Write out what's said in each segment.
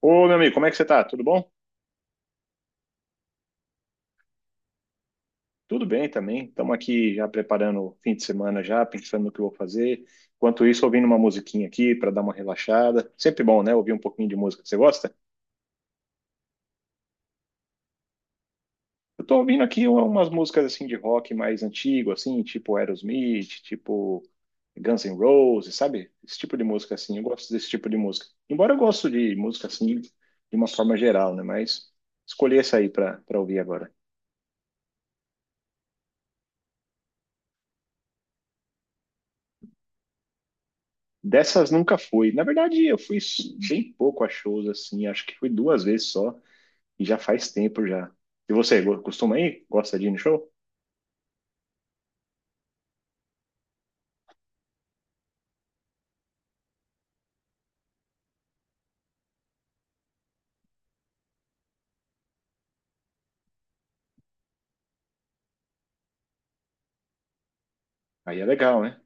Ô, meu amigo, como é que você tá? Tudo bom? Tudo bem também. Estamos aqui já preparando o fim de semana já, pensando no que eu vou fazer. Enquanto isso, ouvindo uma musiquinha aqui para dar uma relaxada. Sempre bom, né? Ouvir um pouquinho de música. Você gosta? Eu tô ouvindo aqui umas músicas assim de rock mais antigo, assim, tipo Aerosmith, tipo Guns N' Roses, sabe? Esse tipo de música assim. Eu gosto desse tipo de música. Embora eu gosto de música assim de uma forma geral, né? Mas escolhi essa aí para ouvir agora. Dessas nunca fui. Na verdade, eu fui bem pouco a shows, assim. Acho que fui duas vezes só. E já faz tempo já. E você, costuma ir? Gosta de ir no show? Aí é legal, né?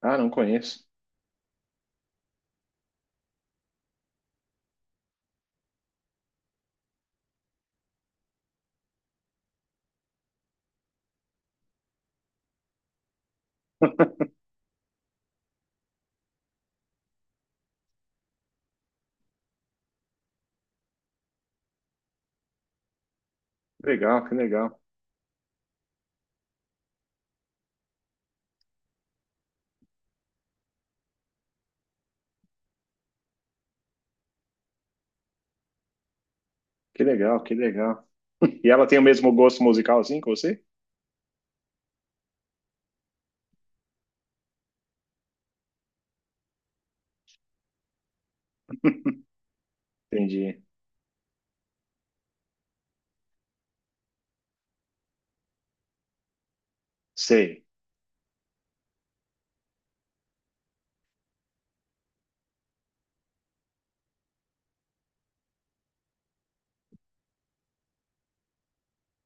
Ah, não conheço. Que legal, que legal. Que legal, que legal. E ela tem o mesmo gosto musical assim que você? Entendi. Sei.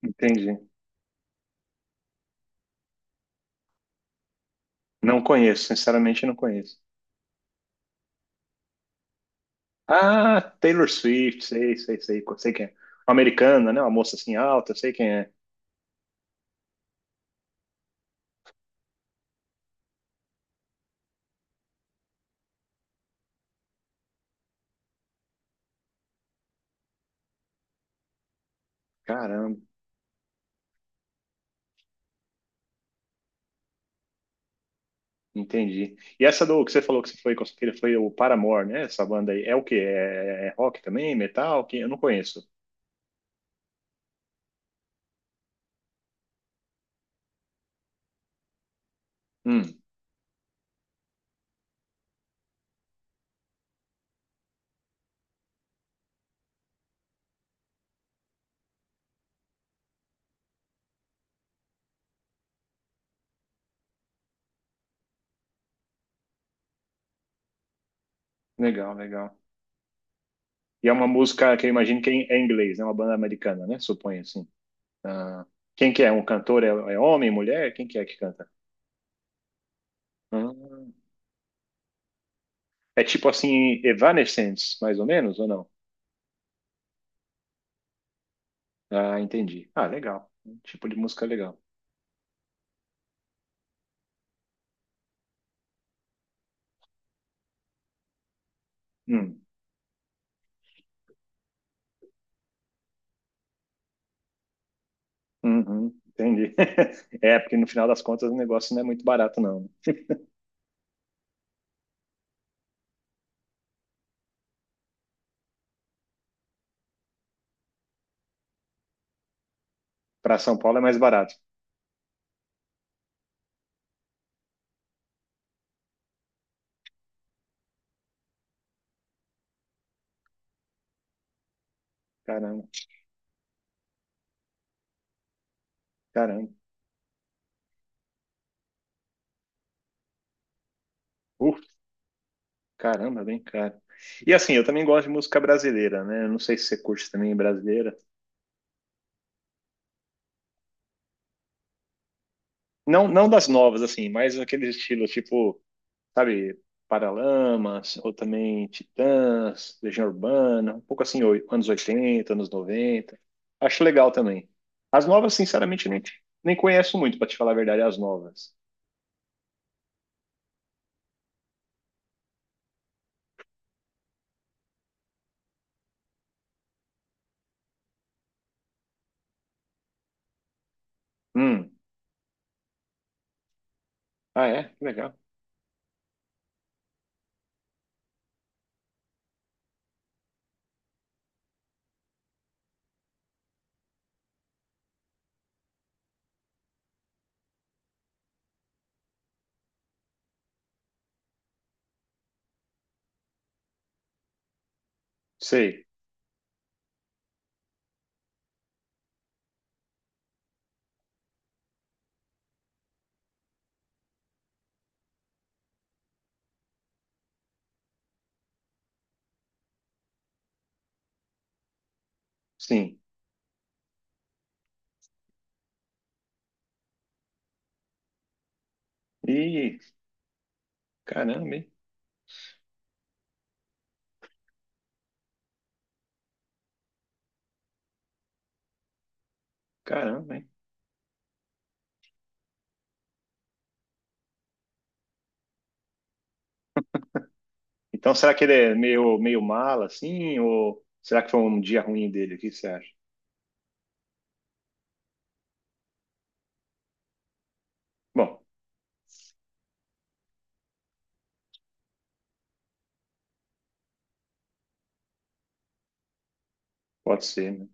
Entendi. Não conheço, sinceramente não conheço. Ah, Taylor Swift, sei, sei, sei, sei quem é. Uma americana, né? Uma moça assim alta, sei quem é. Caramba. Entendi. E essa do que você falou que você foi com sua filha foi o Paramore, né? Essa banda aí. É o quê? É, é rock também? Metal? Que eu não conheço. Hum, legal, legal. E é uma música que eu imagino que é em inglês, né? Uma banda americana, né? Suponho assim. Ah, quem que é? Um cantor? É, é homem, mulher? Quem que é que canta? Ah, é tipo assim, Evanescence, mais ou menos, ou não? Ah, entendi. Ah, legal. Um tipo de música legal. Hum, uhum, entendi. É, porque no final das contas o negócio não é muito barato, não. Para São Paulo é mais barato. Caramba, caramba. Uf, caramba, bem caro. E assim, eu também gosto de música brasileira, né? Eu não sei se você curte também brasileira. Não, não das novas, assim, mas aqueles estilos tipo, sabe, Paralamas, ou também Titãs, Legião Urbana, um pouco assim, anos 80 anos 90. Acho legal também. As novas, sinceramente, nem conheço muito, pra te falar a verdade, as novas. Hum, ah, é? Que legal. Sei, sim. Ih, caramba, hein? Caramba, hein? Então, será que ele é meio, meio mala, assim? Ou será que foi um dia ruim dele? O que você acha? Bom, pode ser, né?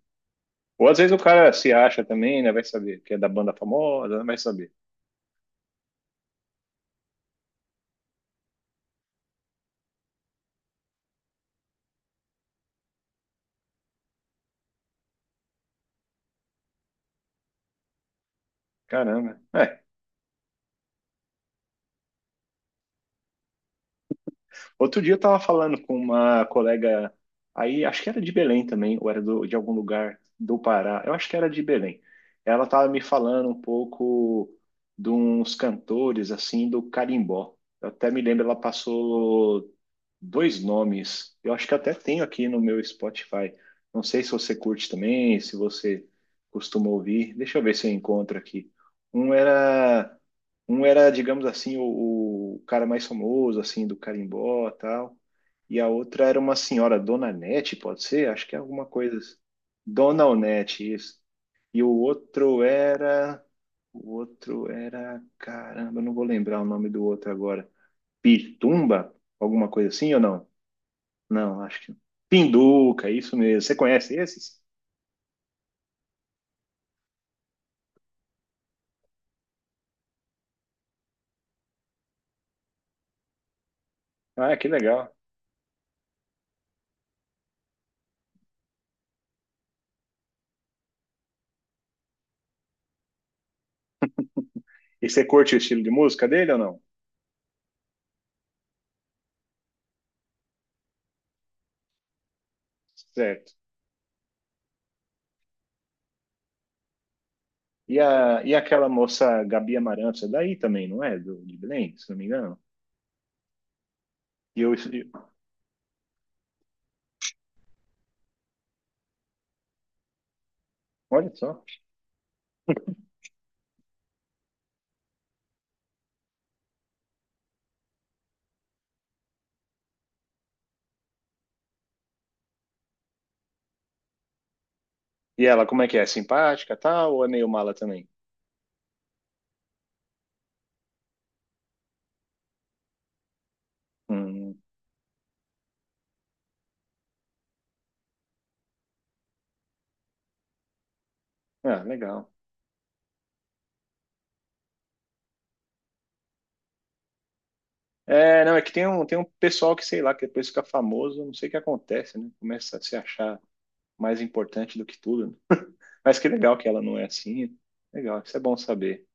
Ou às vezes o cara se acha também, né? Vai saber, que é da banda famosa, né? Vai saber. Caramba. É, outro dia eu tava falando com uma colega aí, acho que era de Belém também, ou era de algum lugar do Pará. Eu acho que era de Belém. Ela tava me falando um pouco de uns cantores assim do carimbó. Eu até me lembro, ela passou dois nomes. Eu acho que até tenho aqui no meu Spotify. Não sei se você curte também, se você costuma ouvir. Deixa eu ver se eu encontro aqui. Um era um era, digamos assim, o cara mais famoso, assim, do carimbó e tal. E a outra era uma senhora, Dona Nete, pode ser? Acho que é alguma coisa assim. Dona Onete, isso. E o outro era. O outro era. Caramba, eu não vou lembrar o nome do outro agora. Pitumba? Alguma coisa assim ou não? Não, acho que. Pinduca, isso mesmo. Você conhece esses? Ah, que legal. E você curte o estilo de música dele ou não? Certo. E, a, e aquela moça Gabi Amarantos, é daí também, não é? Do, de Belém, se não me engano. E eu, olha só. E ela, como é que é? Simpática, tal? Ou é meio mala também? Hum, ah, legal. É, não, é que tem um pessoal que, sei lá, que depois fica famoso, não sei o que acontece, né? Começa a se achar mais importante do que tudo, né? Mas que legal que ela não é assim. Legal, isso é bom saber.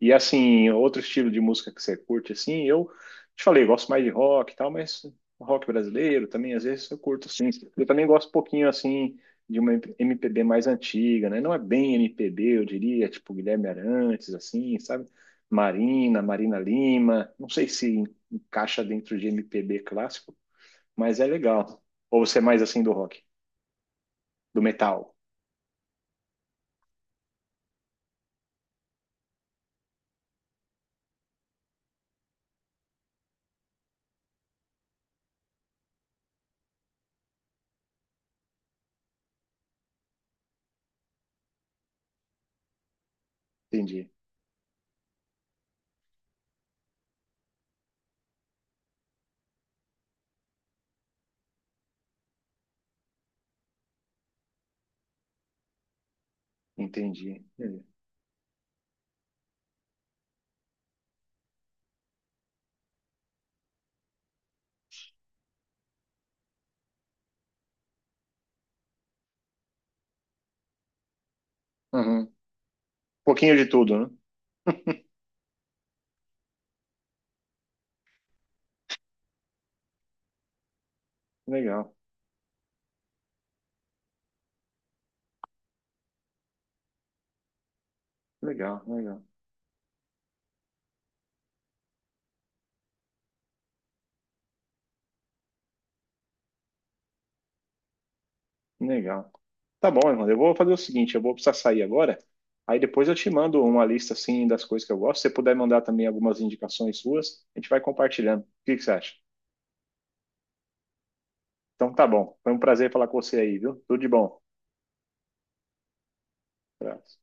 E assim, outro estilo de música que você curte, assim, eu te falei, gosto mais de rock e tal, mas rock brasileiro também, às vezes eu curto, assim. Eu também gosto um pouquinho, assim, de uma MPB mais antiga, né? Não é bem MPB, eu diria, tipo Guilherme Arantes, assim, sabe? Marina, Marina Lima, não sei se encaixa dentro de MPB clássico, mas é legal. Ou você é mais assim do rock, do metal? Entendi, entendi. Uhum. Um pouquinho de tudo, né? Legal, legal, legal. Legal. Tá bom, irmão. Eu vou fazer o seguinte, eu vou precisar sair agora. Aí depois eu te mando uma lista assim das coisas que eu gosto. Se você puder mandar também algumas indicações suas, a gente vai compartilhando. O que que você acha? Então tá bom. Foi um prazer falar com você aí, viu? Tudo de bom. Abraço.